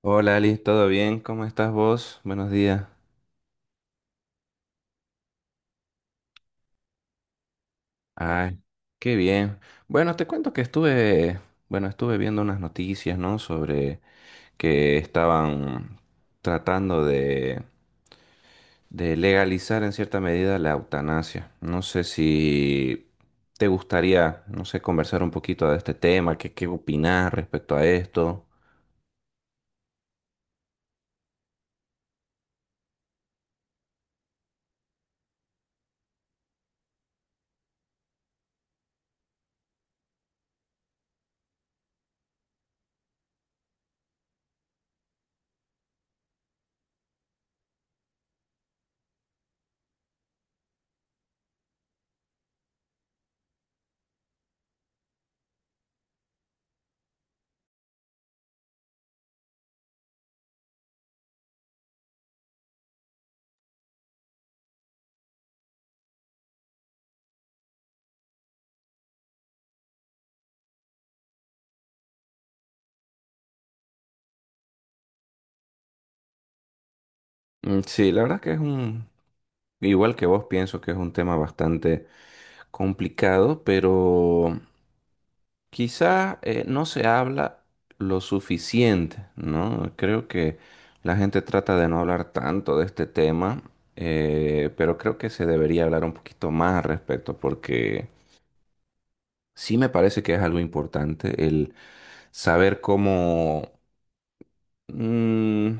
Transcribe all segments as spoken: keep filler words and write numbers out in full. Hola Ali, ¿todo bien? ¿Cómo estás vos? Buenos días. Ay, qué bien. Bueno, te cuento que estuve, bueno, estuve viendo unas noticias, ¿no? Sobre que estaban tratando de, de legalizar en cierta medida la eutanasia. No sé si te gustaría, no sé, conversar un poquito de este tema, qué, qué opinás respecto a esto. Mm, Sí, la verdad que es un, igual que vos, pienso que es un tema bastante complicado, pero quizás eh, no se habla lo suficiente, ¿no? Creo que la gente trata de no hablar tanto de este tema, eh, pero creo que se debería hablar un poquito más al respecto porque sí me parece que es algo importante el saber cómo... mm,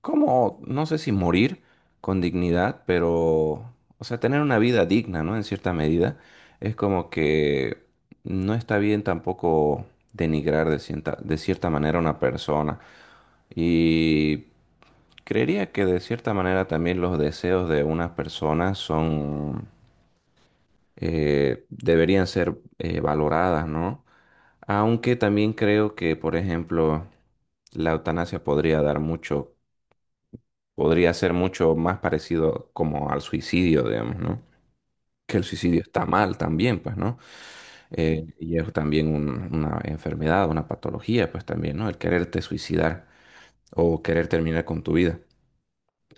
como, no sé si morir con dignidad, pero, o sea, tener una vida digna, ¿no? En cierta medida, es como que no está bien tampoco denigrar de cierta, de cierta manera a una persona. Y creería que de cierta manera también los deseos de unas personas son, eh, deberían ser eh, valoradas, ¿no? Aunque también creo que, por ejemplo, la eutanasia podría dar mucho podría ser mucho más parecido como al suicidio, digamos, ¿no? Que el suicidio está mal también, pues, ¿no? Eh, y es también un- una enfermedad, una patología, pues también, ¿no? El quererte suicidar o querer terminar con tu vida.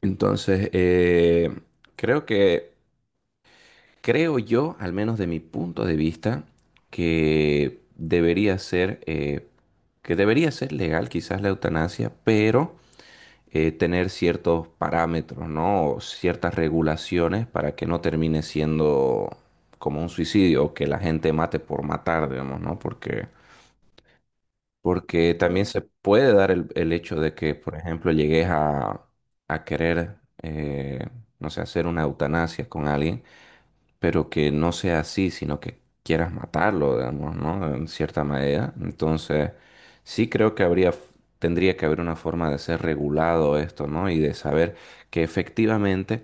Entonces, eh, creo que, creo yo, al menos de mi punto de vista, que debería ser, eh, que debería ser legal quizás la eutanasia, pero eh, tener ciertos parámetros, ¿no? O ciertas regulaciones para que no termine siendo como un suicidio o que la gente mate por matar, digamos, ¿no? Porque, porque también se puede dar el, el hecho de que, por ejemplo, llegues a, a querer, eh, no sé, hacer una eutanasia con alguien pero que no sea así, sino que quieras matarlo, digamos, ¿no? En cierta medida. Entonces, sí creo que habría, tendría que haber una forma de ser regulado esto, ¿no? Y de saber que efectivamente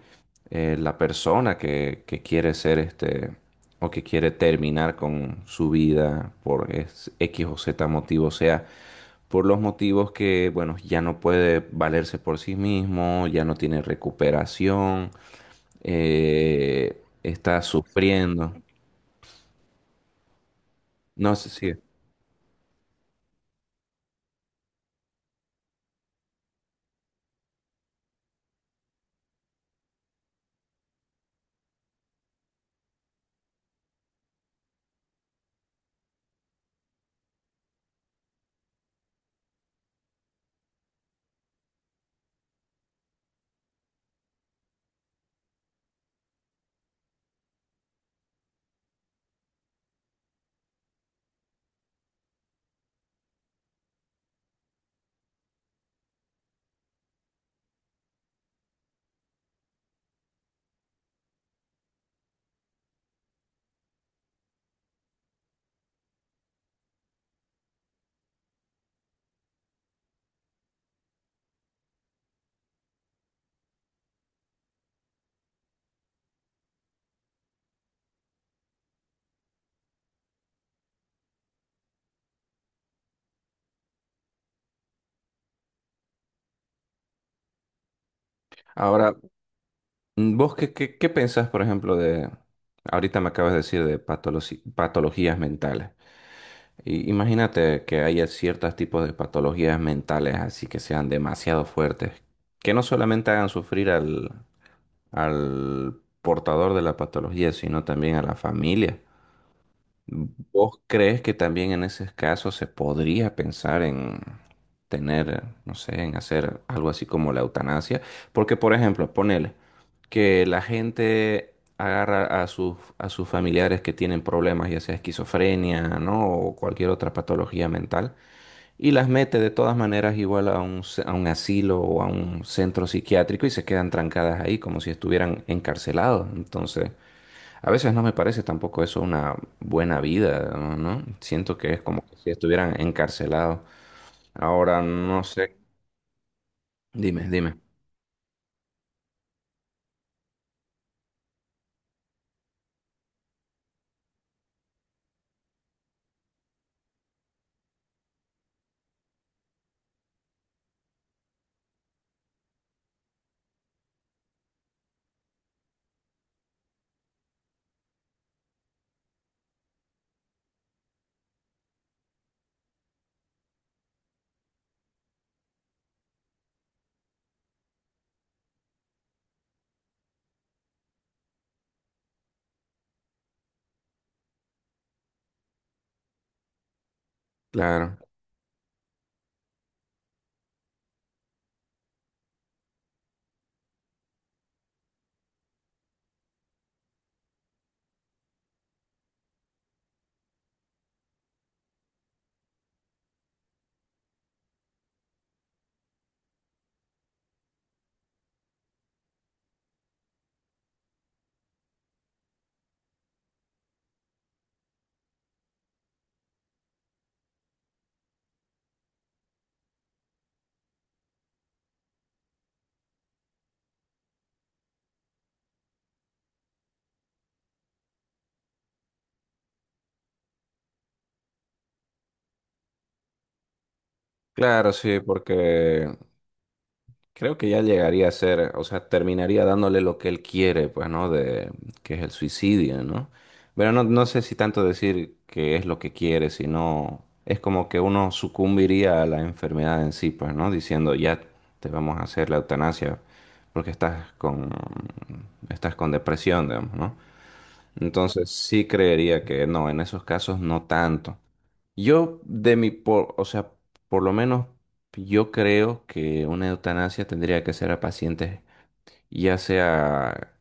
eh, la persona que, que quiere ser este, o que quiere terminar con su vida por es- X o Z motivo, sea por los motivos que, bueno, ya no puede valerse por sí mismo, ya no tiene recuperación, eh, está sufriendo. No sé si... Ahora, vos qué, qué, qué pensás, por ejemplo, de... Ahorita me acabas de decir de patologi- patologías mentales. Y imagínate que haya ciertos tipos de patologías mentales así que sean demasiado fuertes, que no solamente hagan sufrir al, al portador de la patología, sino también a la familia. ¿Vos crees que también en ese caso se podría pensar en tener, no sé, en hacer algo así como la eutanasia? Porque, por ejemplo, ponele que la gente agarra a sus, a sus familiares que tienen problemas, ya sea esquizofrenia, ¿no? O cualquier otra patología mental, y las mete de todas maneras igual a un, ce- a un asilo o a un centro psiquiátrico y se quedan trancadas ahí como si estuvieran encarcelados. Entonces... A veces no me parece tampoco eso una buena vida, ¿no? ¿No? Siento que es como que si estuvieran encarcelados. Ahora no sé. Dime, dime. Claro, claro, sí, porque creo que ya llegaría a ser, o sea, terminaría dándole lo que él quiere, pues, ¿no? De que es el suicidio, ¿no? Pero no, no sé si tanto decir que es lo que quiere, sino es como que uno sucumbiría a la enfermedad en sí, pues, ¿no? Diciendo, ya te vamos a hacer la eutanasia porque estás con, estás con depresión, digamos, ¿no? Entonces sí creería que no, en esos casos no tanto. Yo, de mi, por, O sea, por lo menos yo creo que una eutanasia tendría que ser a pacientes, ya sea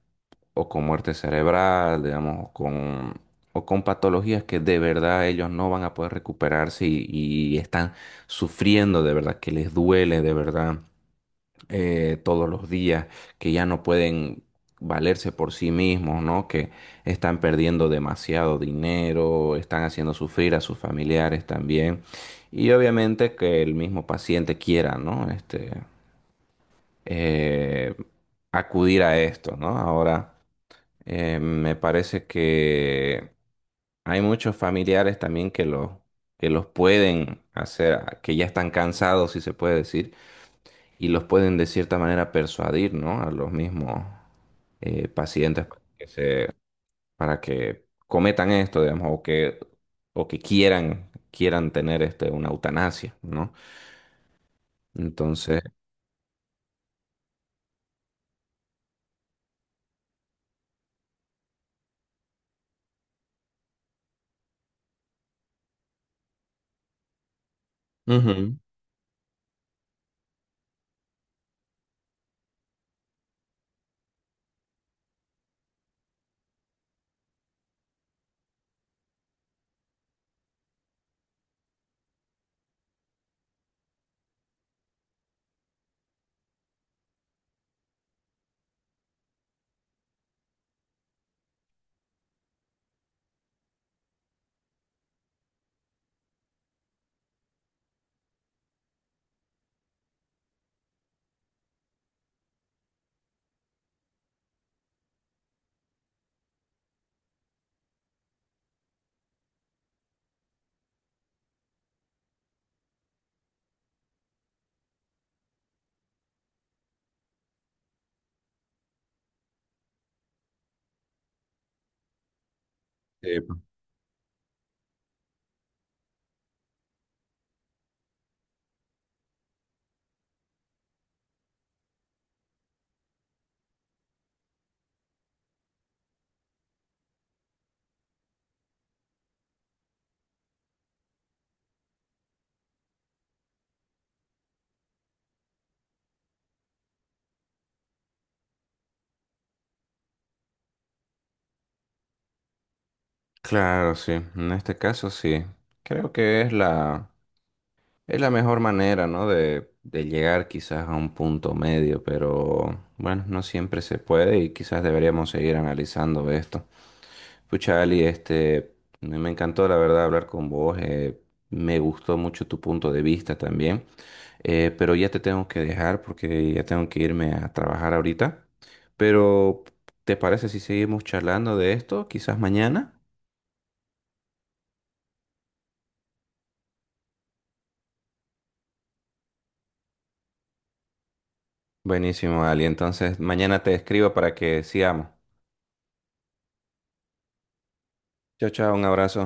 o con muerte cerebral, digamos, o con, o con patologías que de verdad ellos no van a poder recuperarse y, y están sufriendo de verdad, que les duele de verdad eh, todos los días, que ya no pueden valerse por sí mismos, ¿no? Que están perdiendo demasiado dinero, están haciendo sufrir a sus familiares también. Y obviamente que el mismo paciente quiera, ¿no? Este, eh, acudir a esto, ¿no? Ahora, eh, me parece que hay muchos familiares también que los que los pueden hacer, que ya están cansados, si se puede decir, y los pueden de cierta manera persuadir, ¿no? A los mismos eh, pacientes para que se, para que cometan esto, digamos, o que, o que quieran, quieran tener este, una eutanasia, ¿no? Entonces, ujú. Sí, pues. Claro, sí, en este caso sí, creo que es la, es la mejor manera, ¿no? De, de llegar quizás a un punto medio, pero bueno, no siempre se puede y quizás deberíamos seguir analizando esto. Pucha, Ali, este, me me encantó la verdad hablar con vos. Eh, me gustó mucho tu punto de vista también. Eh, pero ya te tengo que dejar porque ya tengo que irme a trabajar ahorita. Pero, ¿te parece si seguimos charlando de esto? Quizás mañana. Buenísimo, Ali. Entonces, mañana te escribo para que sigamos. Chao, chao, un abrazo.